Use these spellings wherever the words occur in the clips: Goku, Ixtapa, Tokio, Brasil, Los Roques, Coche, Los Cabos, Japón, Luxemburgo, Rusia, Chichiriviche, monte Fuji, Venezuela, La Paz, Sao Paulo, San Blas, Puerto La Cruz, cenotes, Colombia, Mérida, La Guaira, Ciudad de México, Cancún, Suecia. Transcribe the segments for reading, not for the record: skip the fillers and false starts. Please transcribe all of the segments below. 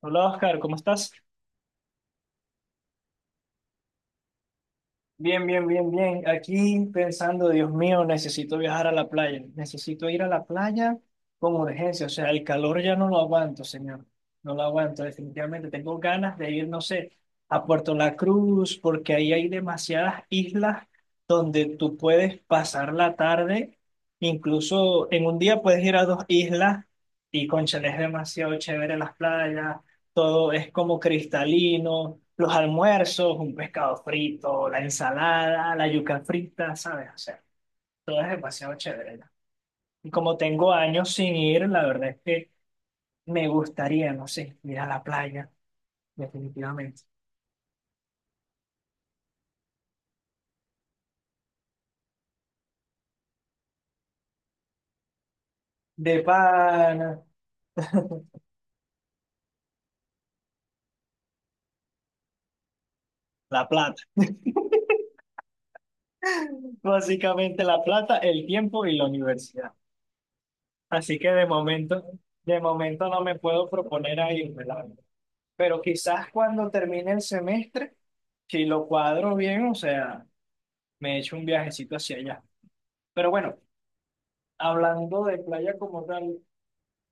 Hola Oscar, ¿cómo estás? Bien, bien, bien, bien. Aquí pensando, Dios mío, necesito viajar a la playa. Necesito ir a la playa con urgencia. O sea, el calor ya no lo aguanto, señor. No lo aguanto, definitivamente. Tengo ganas de ir, no sé, a Puerto La Cruz, porque ahí hay demasiadas islas donde tú puedes pasar la tarde. Incluso en un día puedes ir a dos islas y, cónchale, es demasiado chévere las playas. Todo es como cristalino, los almuerzos, un pescado frito, la ensalada, la yuca frita, ¿sabes? O sea, todo es demasiado chévere, ¿no? Y como tengo años sin ir, la verdad es que me gustaría, no sé, ir a la playa, definitivamente. De pana, la plata. Básicamente la plata, el tiempo y la universidad. Así que de momento no me puedo proponer a irme, la verdad. Pero quizás cuando termine el semestre, si lo cuadro bien, o sea, me echo un viajecito hacia allá. Pero bueno, hablando de playa como tal,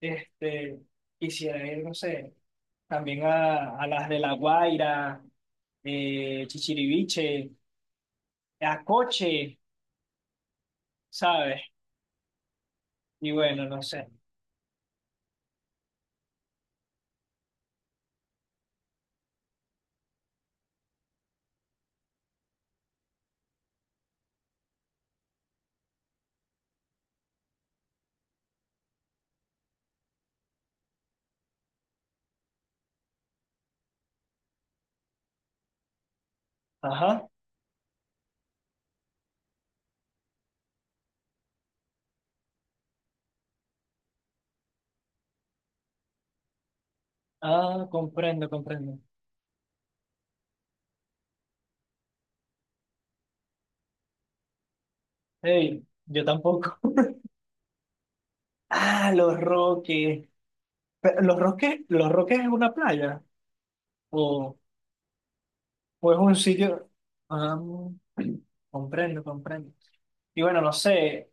este, quisiera ir, no sé, también a las de La Guaira, Chichiriviche, a Coche, ¿sabes? Y bueno, no sé. Ajá. Ah, comprendo, comprendo. Hey, yo tampoco. Ah, Los Roques. Pero, ¿Los Roques, Los Roques es una playa? ¿O? ¿O es un sitio? Ah, comprendo, comprendo. Y bueno, no sé.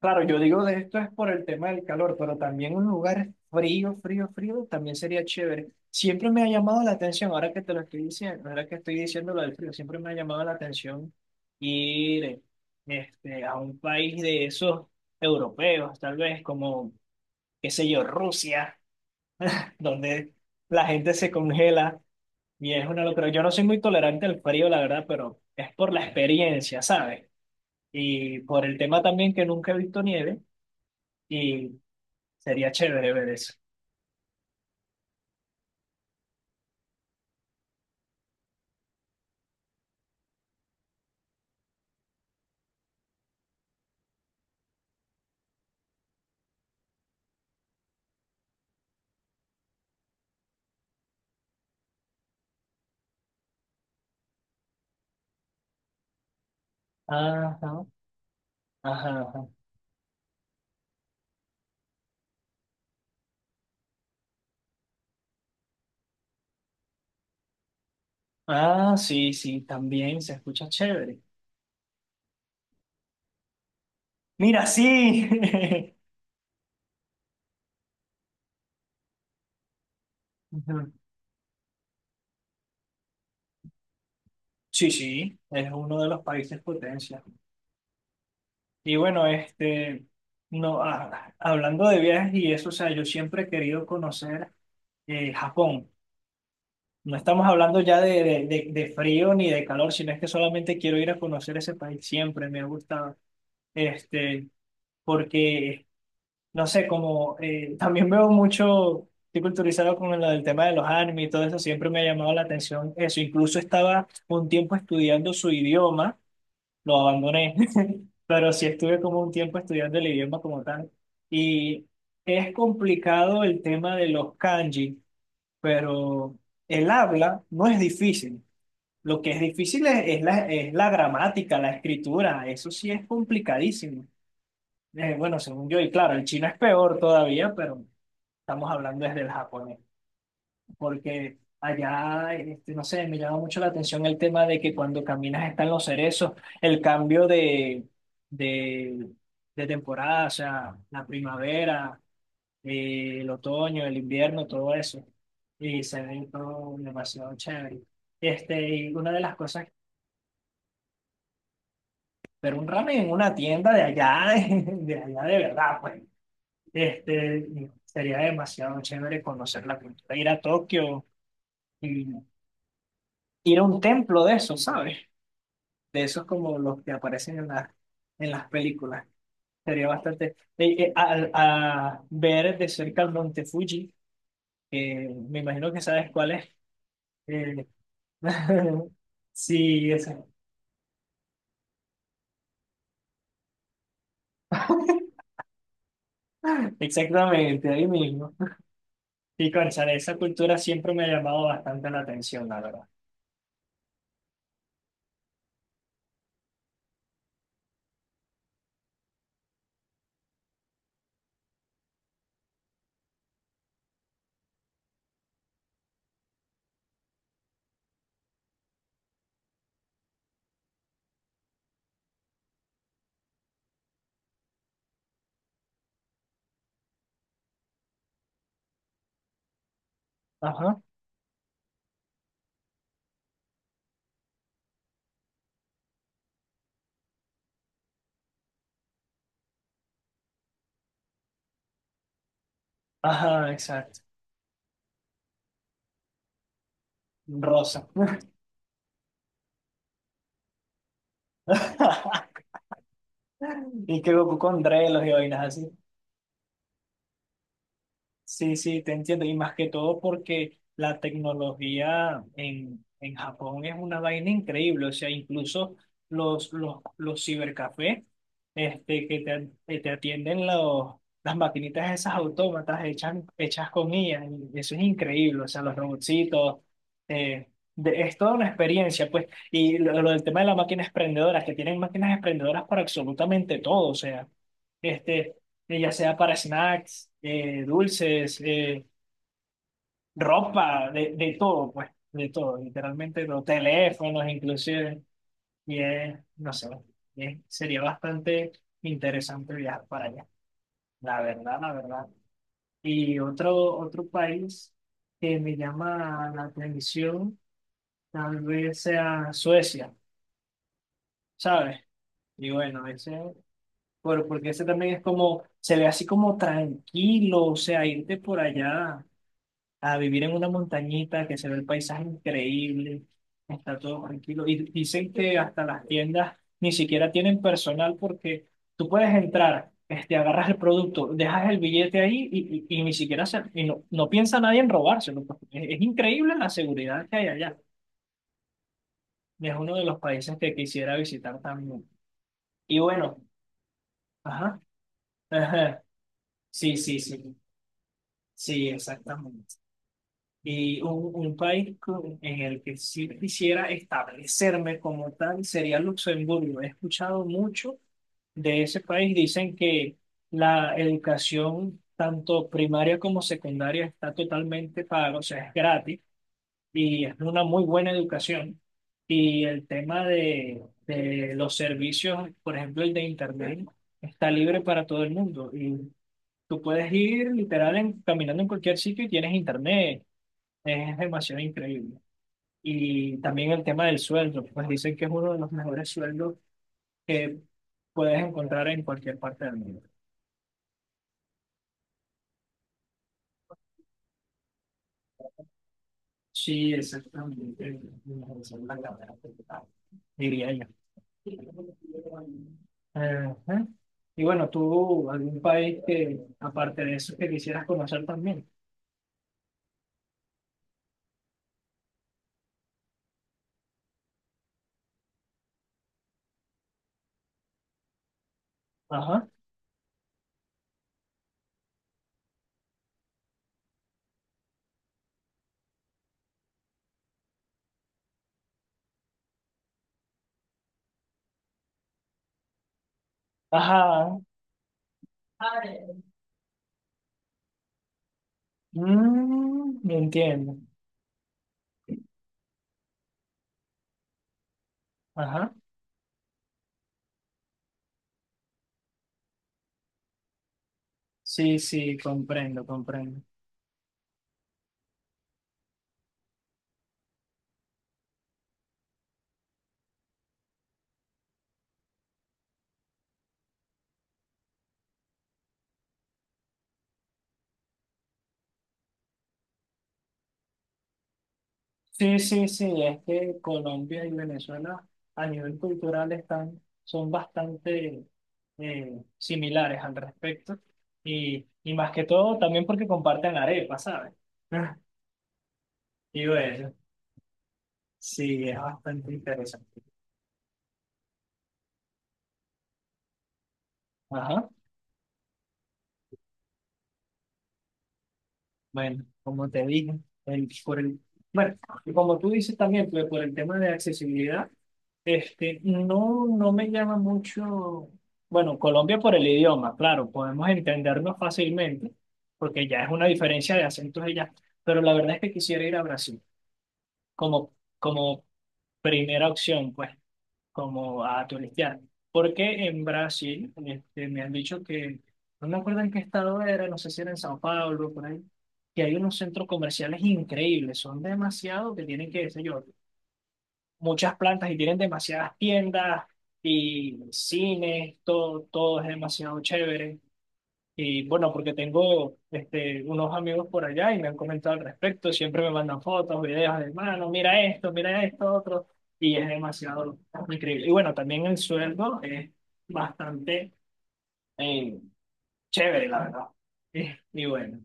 Claro, yo digo de esto es por el tema del calor, pero también un lugar frío, frío, frío también sería chévere. Siempre me ha llamado la atención, ahora que te lo estoy diciendo, ahora que estoy diciendo lo del frío, siempre me ha llamado la atención ir, a un país de esos europeos, tal vez como, qué sé yo, Rusia, donde la gente se congela. Y es una locura. Yo no soy muy tolerante al frío, la verdad, pero es por la experiencia, ¿sabes? Y por el tema también que nunca he visto nieve y sería chévere ver eso. Ajá, ajá, ajá. Ah, sí, sí, también se escucha chévere. Mira, sí. Ujú. Sí, sí, es uno de los países potencia. Y bueno, no, ah, hablando de viajes y eso, o sea, yo siempre he querido conocer, Japón. No estamos hablando ya de, de frío ni de calor, sino es que solamente quiero ir a conocer ese país, siempre me ha gustado. Este, porque, no sé, como también veo mucho, estoy culturizado con lo del tema de los anime y todo eso, siempre me ha llamado la atención eso. Incluso estaba un tiempo estudiando su idioma, lo abandoné, pero sí estuve como un tiempo estudiando el idioma como tal. Y es complicado el tema de los kanji, pero el habla no es difícil. Lo que es difícil es la gramática, la escritura, eso sí es complicadísimo. Bueno, según yo, y claro, el chino es peor todavía, pero estamos hablando desde el japonés, porque allá, no sé, me llama mucho la atención el tema de que cuando caminas están los cerezos, el cambio de, de temporada, o sea, la primavera, el otoño, el invierno, todo eso, y se ve todo demasiado chévere. Este, y una de las cosas. Pero un ramen en una tienda de allá, de allá de verdad, pues. Sería demasiado chévere conocer la cultura, ir a Tokio y ir a un templo de eso, ¿sabes? De esos como los que aparecen en las películas. Sería bastante... ver de cerca el monte Fuji, que me imagino que sabes cuál es. Eh, sí, exactamente, ahí mismo. Y cónchale, esa cultura siempre me ha llamado bastante la atención, la verdad. Ajá. Ajá, exacto. Rosa. Y que Goku con drelos y vainas así. Sí, sí, te entiendo. Y más que todo porque la tecnología en Japón es una vaina increíble. O sea, incluso los cibercafés, que te atienden los, las maquinitas esas autómatas hechas, hechas con IA. Y eso es increíble. O sea, los robotcitos. eh, es toda una experiencia, pues. Y lo del tema de las máquinas expendedoras, que tienen máquinas expendedoras para absolutamente todo. O sea. Este, ya sea para snacks, dulces, ropa, de todo, pues, de todo, literalmente, los teléfonos inclusive, y es, no sé, sería bastante interesante viajar para allá, la verdad, la verdad. Y otro, otro país que me llama la atención, tal vez sea Suecia, ¿sabes? Y bueno, ese... Por, porque ese también es como, se ve así como tranquilo, o sea, irte por allá a vivir en una montañita que se ve el paisaje increíble, está todo tranquilo. Y dicen que hasta las tiendas ni siquiera tienen personal porque tú puedes entrar, agarras el producto, dejas el billete ahí y ni siquiera se, y no, no piensa nadie en robárselo, pues. Es increíble la seguridad que hay allá. Es uno de los países que quisiera visitar también. Y bueno, ajá, ajá, sí, sí, sí, sí, exactamente. Y un país en el que sí quisiera establecerme como tal sería Luxemburgo. He escuchado mucho de ese país. Dicen que la educación, tanto primaria como secundaria, está totalmente paga, o sea, es gratis y es una muy buena educación. Y el tema de los servicios, por ejemplo, el de Internet, está libre para todo el mundo. Y tú puedes ir literal caminando en cualquier sitio y tienes Internet, es demasiado increíble. Y también el tema del sueldo, pues dicen que es uno de los mejores sueldos que puedes encontrar en cualquier parte del mundo. Sí, exactamente. El mejor sueldo en la verdad, diría yo. Ajá. Y bueno, tú, algún país que, aparte de eso, que quisieras conocer también. Ajá. Ajá. Mm, entiendo. Ajá. Sí, sí, comprendo, comprendo. Sí, sí, sí, es que Colombia y Venezuela a nivel cultural están, son bastante similares al respecto y más que todo también porque comparten arepa, ¿sabes? Y bueno, sí, es bastante interesante. Ajá, bueno, como te dije, por el, bueno, y como tú dices también, pues, por el tema de accesibilidad. No, no me llama mucho, bueno, Colombia por el idioma, claro, podemos entendernos fácilmente, porque ya es una diferencia de acentos y ya, pero la verdad es que quisiera ir a Brasil como, como primera opción, pues, como a turistear, porque en Brasil, me han dicho que, no me acuerdo en qué estado era, no sé si era en Sao Paulo, por ahí, que hay unos centros comerciales increíbles, son demasiados que tienen que, qué sé yo, muchas plantas y tienen demasiadas tiendas y cines, todo, todo es demasiado chévere. Y bueno, porque tengo unos amigos por allá y me han comentado al respecto, siempre me mandan fotos, videos de, mano, mira esto, otro, y es demasiado increíble. Y bueno, también el sueldo es bastante eh, chévere, la verdad. Y bueno,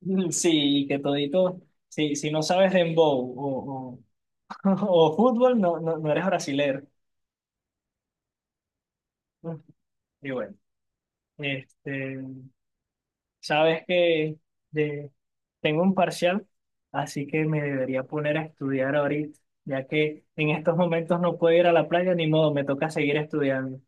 sí, que todito, sí, si no sabes dembow o, o fútbol, no, no, no eres brasilero. Y bueno, este, sabes que de- tengo un parcial, así que me debería poner a estudiar ahorita, ya que en estos momentos no puedo ir a la playa, ni modo, me toca seguir estudiando.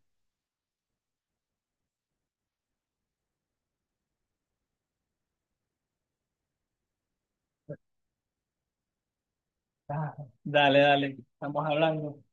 Ah, dale, dale, estamos hablando.